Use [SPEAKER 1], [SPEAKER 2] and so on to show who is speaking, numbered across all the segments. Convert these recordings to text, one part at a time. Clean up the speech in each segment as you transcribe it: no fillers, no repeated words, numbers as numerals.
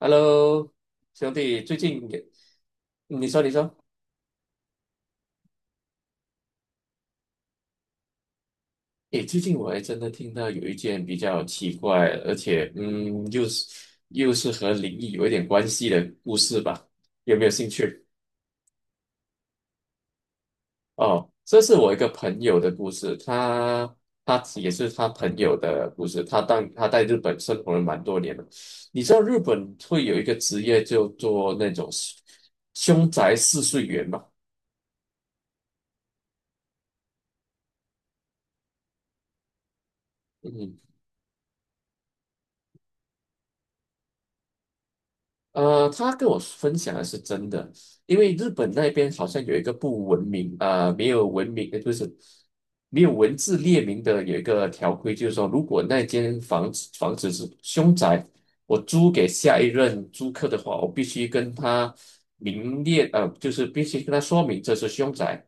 [SPEAKER 1] Hello，兄弟，最近也你说你说，诶，最近我还真的听到有一件比较奇怪，而且又是和灵异有一点关系的故事吧？有没有兴趣？哦，这是我一个朋友的故事，他也是他朋友的故事，他当他在日本生活了蛮多年了。你知道日本会有一个职业就做那种凶宅试睡员吗？嗯。他跟我分享的是真的，因为日本那边好像有一个不文明啊、没有文明，不是没有文字列明的有一个条规，就是说，如果那间房子是凶宅，我租给下一任租客的话，我必须跟他明列，就是必须跟他说明这是凶宅。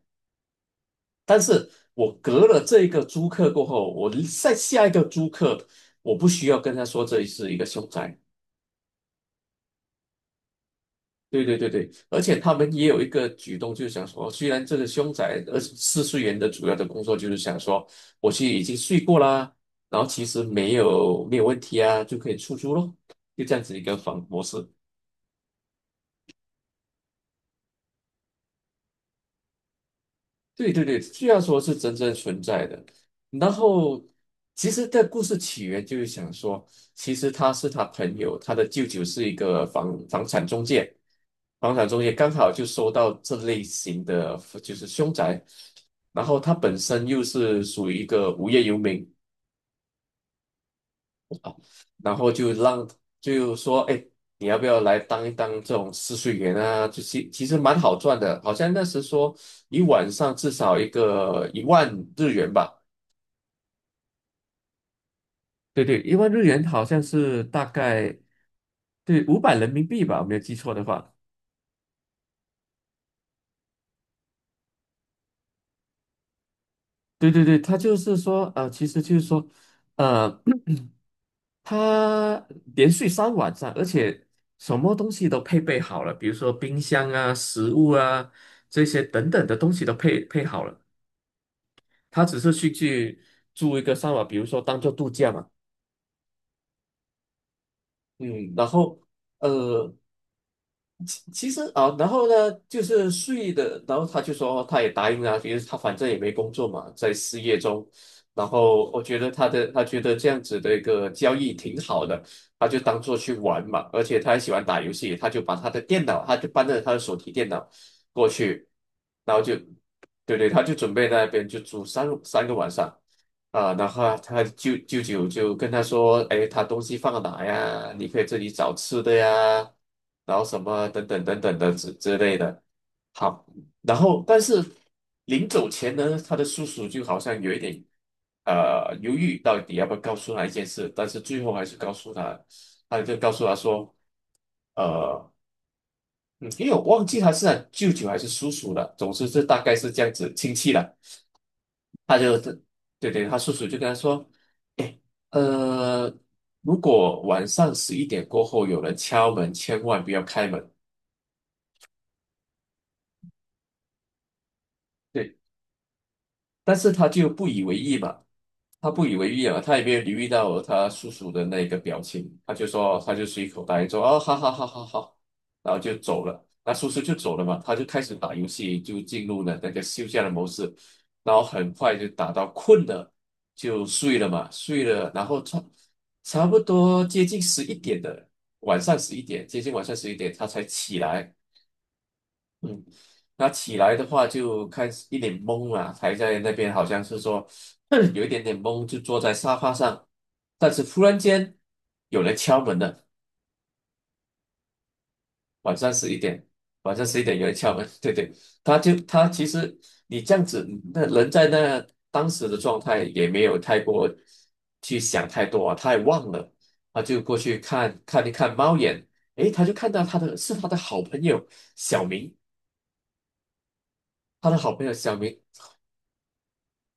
[SPEAKER 1] 但是我隔了这一个租客过后，我再下一个租客，我不需要跟他说这是一个凶宅。对对对对，而且他们也有一个举动，就是想说，虽然这个凶宅24岁人的主要的工作就是想说，我去已经睡过啦，然后其实没有问题啊，就可以出租咯，就这样子一个房模式。对对对，虽然说是真正存在的，然后其实这故事起源就是想说，其实他是他朋友，他的舅舅是一个房产中介，房产中介刚好就收到这类型的就是凶宅，然后他本身又是属于一个无业游民，然后就让就说，哎，你要不要来当一当这种试睡员啊？就其实蛮好赚的，好像那时说一晚上至少一万日元吧。对对，一万日元好像是大概对500人民币吧，我没有记错的话。对对对，他就是说，其实就是说，呃，他连续3晚上，而且什么东西都配备好了，比如说冰箱啊、食物啊这些等等的东西都配好了。他只是去住一个三晚，比如说当做度假嘛。嗯，然后呃，其实啊，然后呢，就是睡的，然后他就说哦他也答应了，因为他反正也没工作嘛，在失业中。然后我觉得他觉得这样子的一个交易挺好的，他就当做去玩嘛，而且他还喜欢打游戏，他就把他的电脑，他就搬着他的手提电脑过去，然后就，对对，他就准备在那边就住三个晚上。啊，然后啊他舅舅就跟他说，哎，他东西放哪呀？你可以自己找吃的呀，然后什么等等的之类的。好，然后但是临走前呢，他的叔叔就好像有一点犹豫，到底要不要告诉他一件事，但是最后还是告诉他，他就告诉他说，呃，嗯因为我忘记他是他舅舅还是叔叔了，总之是大概是这样子亲戚了。他就对对，他叔叔就跟他说：“哎，呃，如果晚上十一点过后有人敲门，千万不要开门。”对，但是他就不以为意嘛，他不以为意啊，他也没有留意到他叔叔的那个表情，他就说哦，他就随口答应说，哦，好好好好好，然后就走了。那叔叔就走了嘛，他就开始打游戏，就进入了那个休假的模式，然后很快就打到困了，就睡了嘛，睡了，然后差不多接近十一点的晚上十一点，接近晚上十一点他才起来，嗯，他起来的话就开始一脸懵了，还在那边好像是说 有一点点懵，就坐在沙发上。但是突然间有人敲门了，晚上十一点，晚上十一点有人敲门，对对，他就其实你这样子，那人在那当时的状态也没有太过去想太多啊，他也忘了，他就过去看一看猫眼，诶，他就看到他的好朋友小明，他的好朋友小明。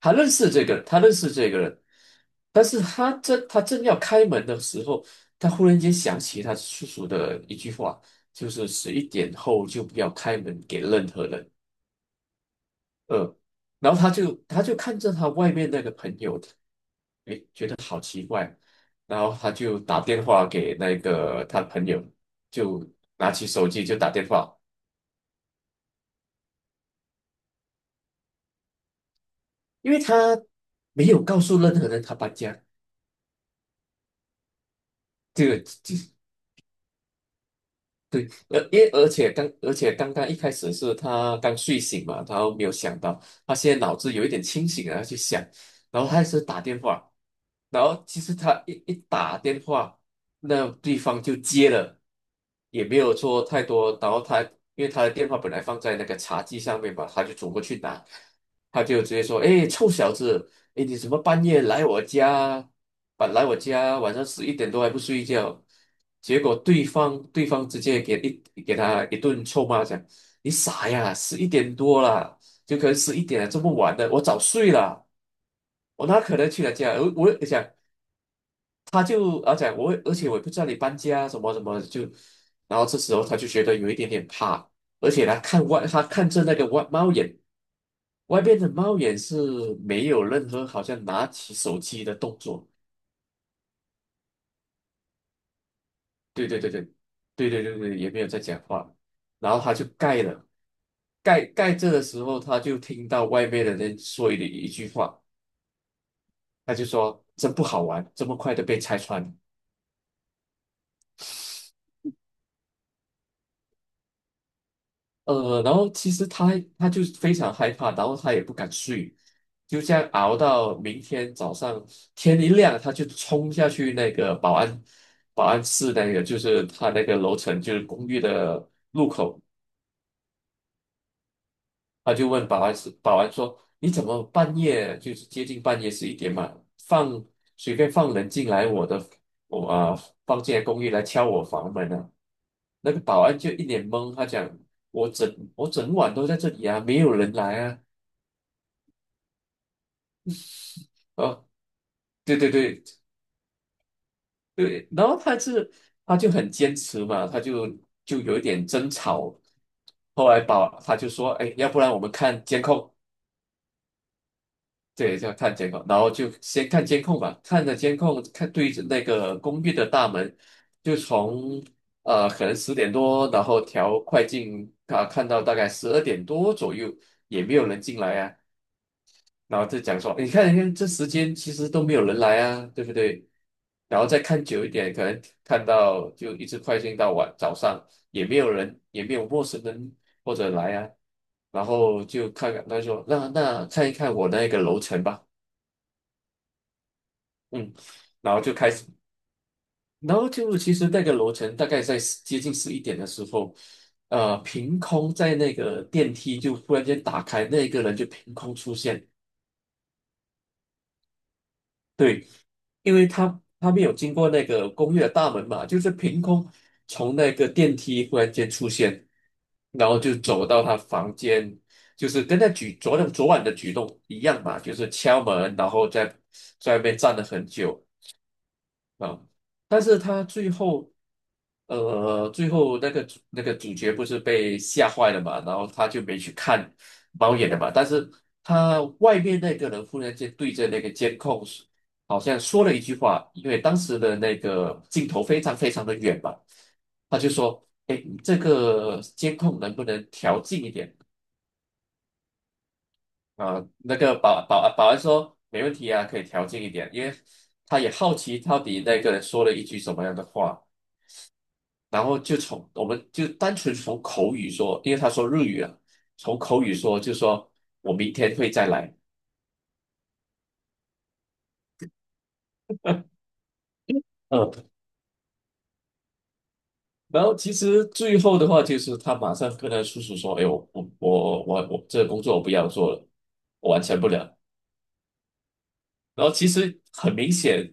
[SPEAKER 1] 他认识这个人他认识这个人，但是他正要开门的时候，他忽然间想起他叔叔的一句话，就是十一点后就不要开门给任何人。呃，然后他就看着他外面那个朋友，然后他就打电话给那个他朋友，就拿起手机就打电话，因为他没有告诉任何人他搬家，这个而因为而且刚而且刚刚一开始是他刚睡醒嘛，他没有想到，他现在脑子有一点清醒然后去想，然后他是打电话，然后其实他一打电话，那对方就接了，也没有说太多，然后他因为他的电话本来放在那个茶几上面嘛，他就走过去拿，他就直接说：“哎，臭小子！”诶，你怎么半夜来我家，本来我家晚上十一点多还不睡觉，结果对方直接给他一顿臭骂，讲你傻呀，十一点多了，就可能十一点了，这么晚了，我早睡了，我哪可能去他家？我讲他就啊讲我，而且我也不知道你搬家什么什么，就然后这时候他就觉得有一点点怕，而且他看着那个外猫眼，外边的猫眼是没有任何好像拿起手机的动作。对对对对，对对对对，也没有在讲话然后他就盖了，盖着的时候，他就听到外面的人说的一句话，他就说：“真不好玩，这么快的被拆穿。”然后其实他就非常害怕，然后他也不敢睡，就这样熬到明天早上天一亮，他就冲下去那个保安室那个，就是他那个楼层，就是公寓的他就问保安说：“你怎么半夜就是接近半夜十一点嘛，放随便放人进来我的我啊、放进来公寓来敲我房门啊？”那个保安就一脸懵，他讲：我整晚都在这里啊，没有人来啊。”哦，对对对对，然后他就很坚持嘛，他就有一点争吵。后来他就说：“哎，要不然我们看监控。”对，就要看监控，然后就先看监控吧，看着监控，对着那个公寓的大门，就从可能10点多，然后调快进啊，看到大概12点多左右，也没有人进来啊，然后就讲说，你看，你看这时间其实都没有人来啊，对不对？然后再看久一点，可能看到就一直快进到晚早上，也没有人，也没有陌生人或者来啊，然后就看看他说，那看一看我那个楼层吧。嗯，然后就开始，然后就其实那个楼层大概在接近十一点的时候，凭空在那个电梯就忽然间打开，那一个人就凭空出现，对，因为他没有经过那个公寓的大门嘛，就是凭空从那个电梯忽然间出现，然后就走到他房间，就是跟他举昨天昨晚的举动一样嘛，就是敲门，然后在外面站了很久。啊，但是他最后，最后那个主角不是被吓坏了嘛，然后他就没去看猫眼了嘛，但是他外面那个人忽然间对着那个监控，好像说了一句话，因为当时的那个镜头非常非常的远嘛，他就说：“哎，你这个监控能不能调近一点？”啊，那个保安说没问题啊，可以调近一点，因为他也好奇到底那个人说了一句什么样的话。然后我们就单纯从口语说，因为他说日语啊，从口语说就说我明天会再来，嗯，然后其实最后的话就是他马上跟他叔叔说，哎，我这个工作我不要做了，我完成不了。然后其实很明显，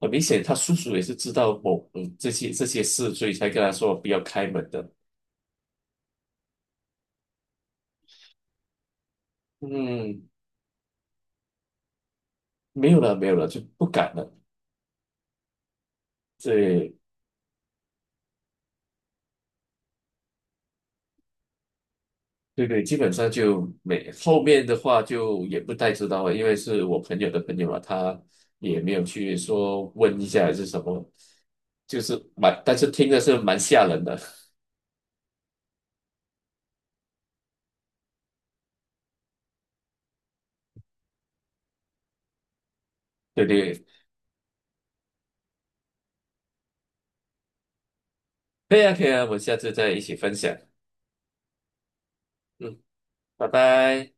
[SPEAKER 1] 很明显他叔叔也是知道这些事，所以才跟他说不要开门的，嗯，没有了没有了就不敢了，对。对对，基本上就没，后面的话就也不太知道了，因为是我朋友的朋友嘛，他也没有去说问一下还是什么，就是蛮，但是听的是蛮吓人的。对对，可以啊，可以啊，我们下次再一起分享。嗯，拜拜。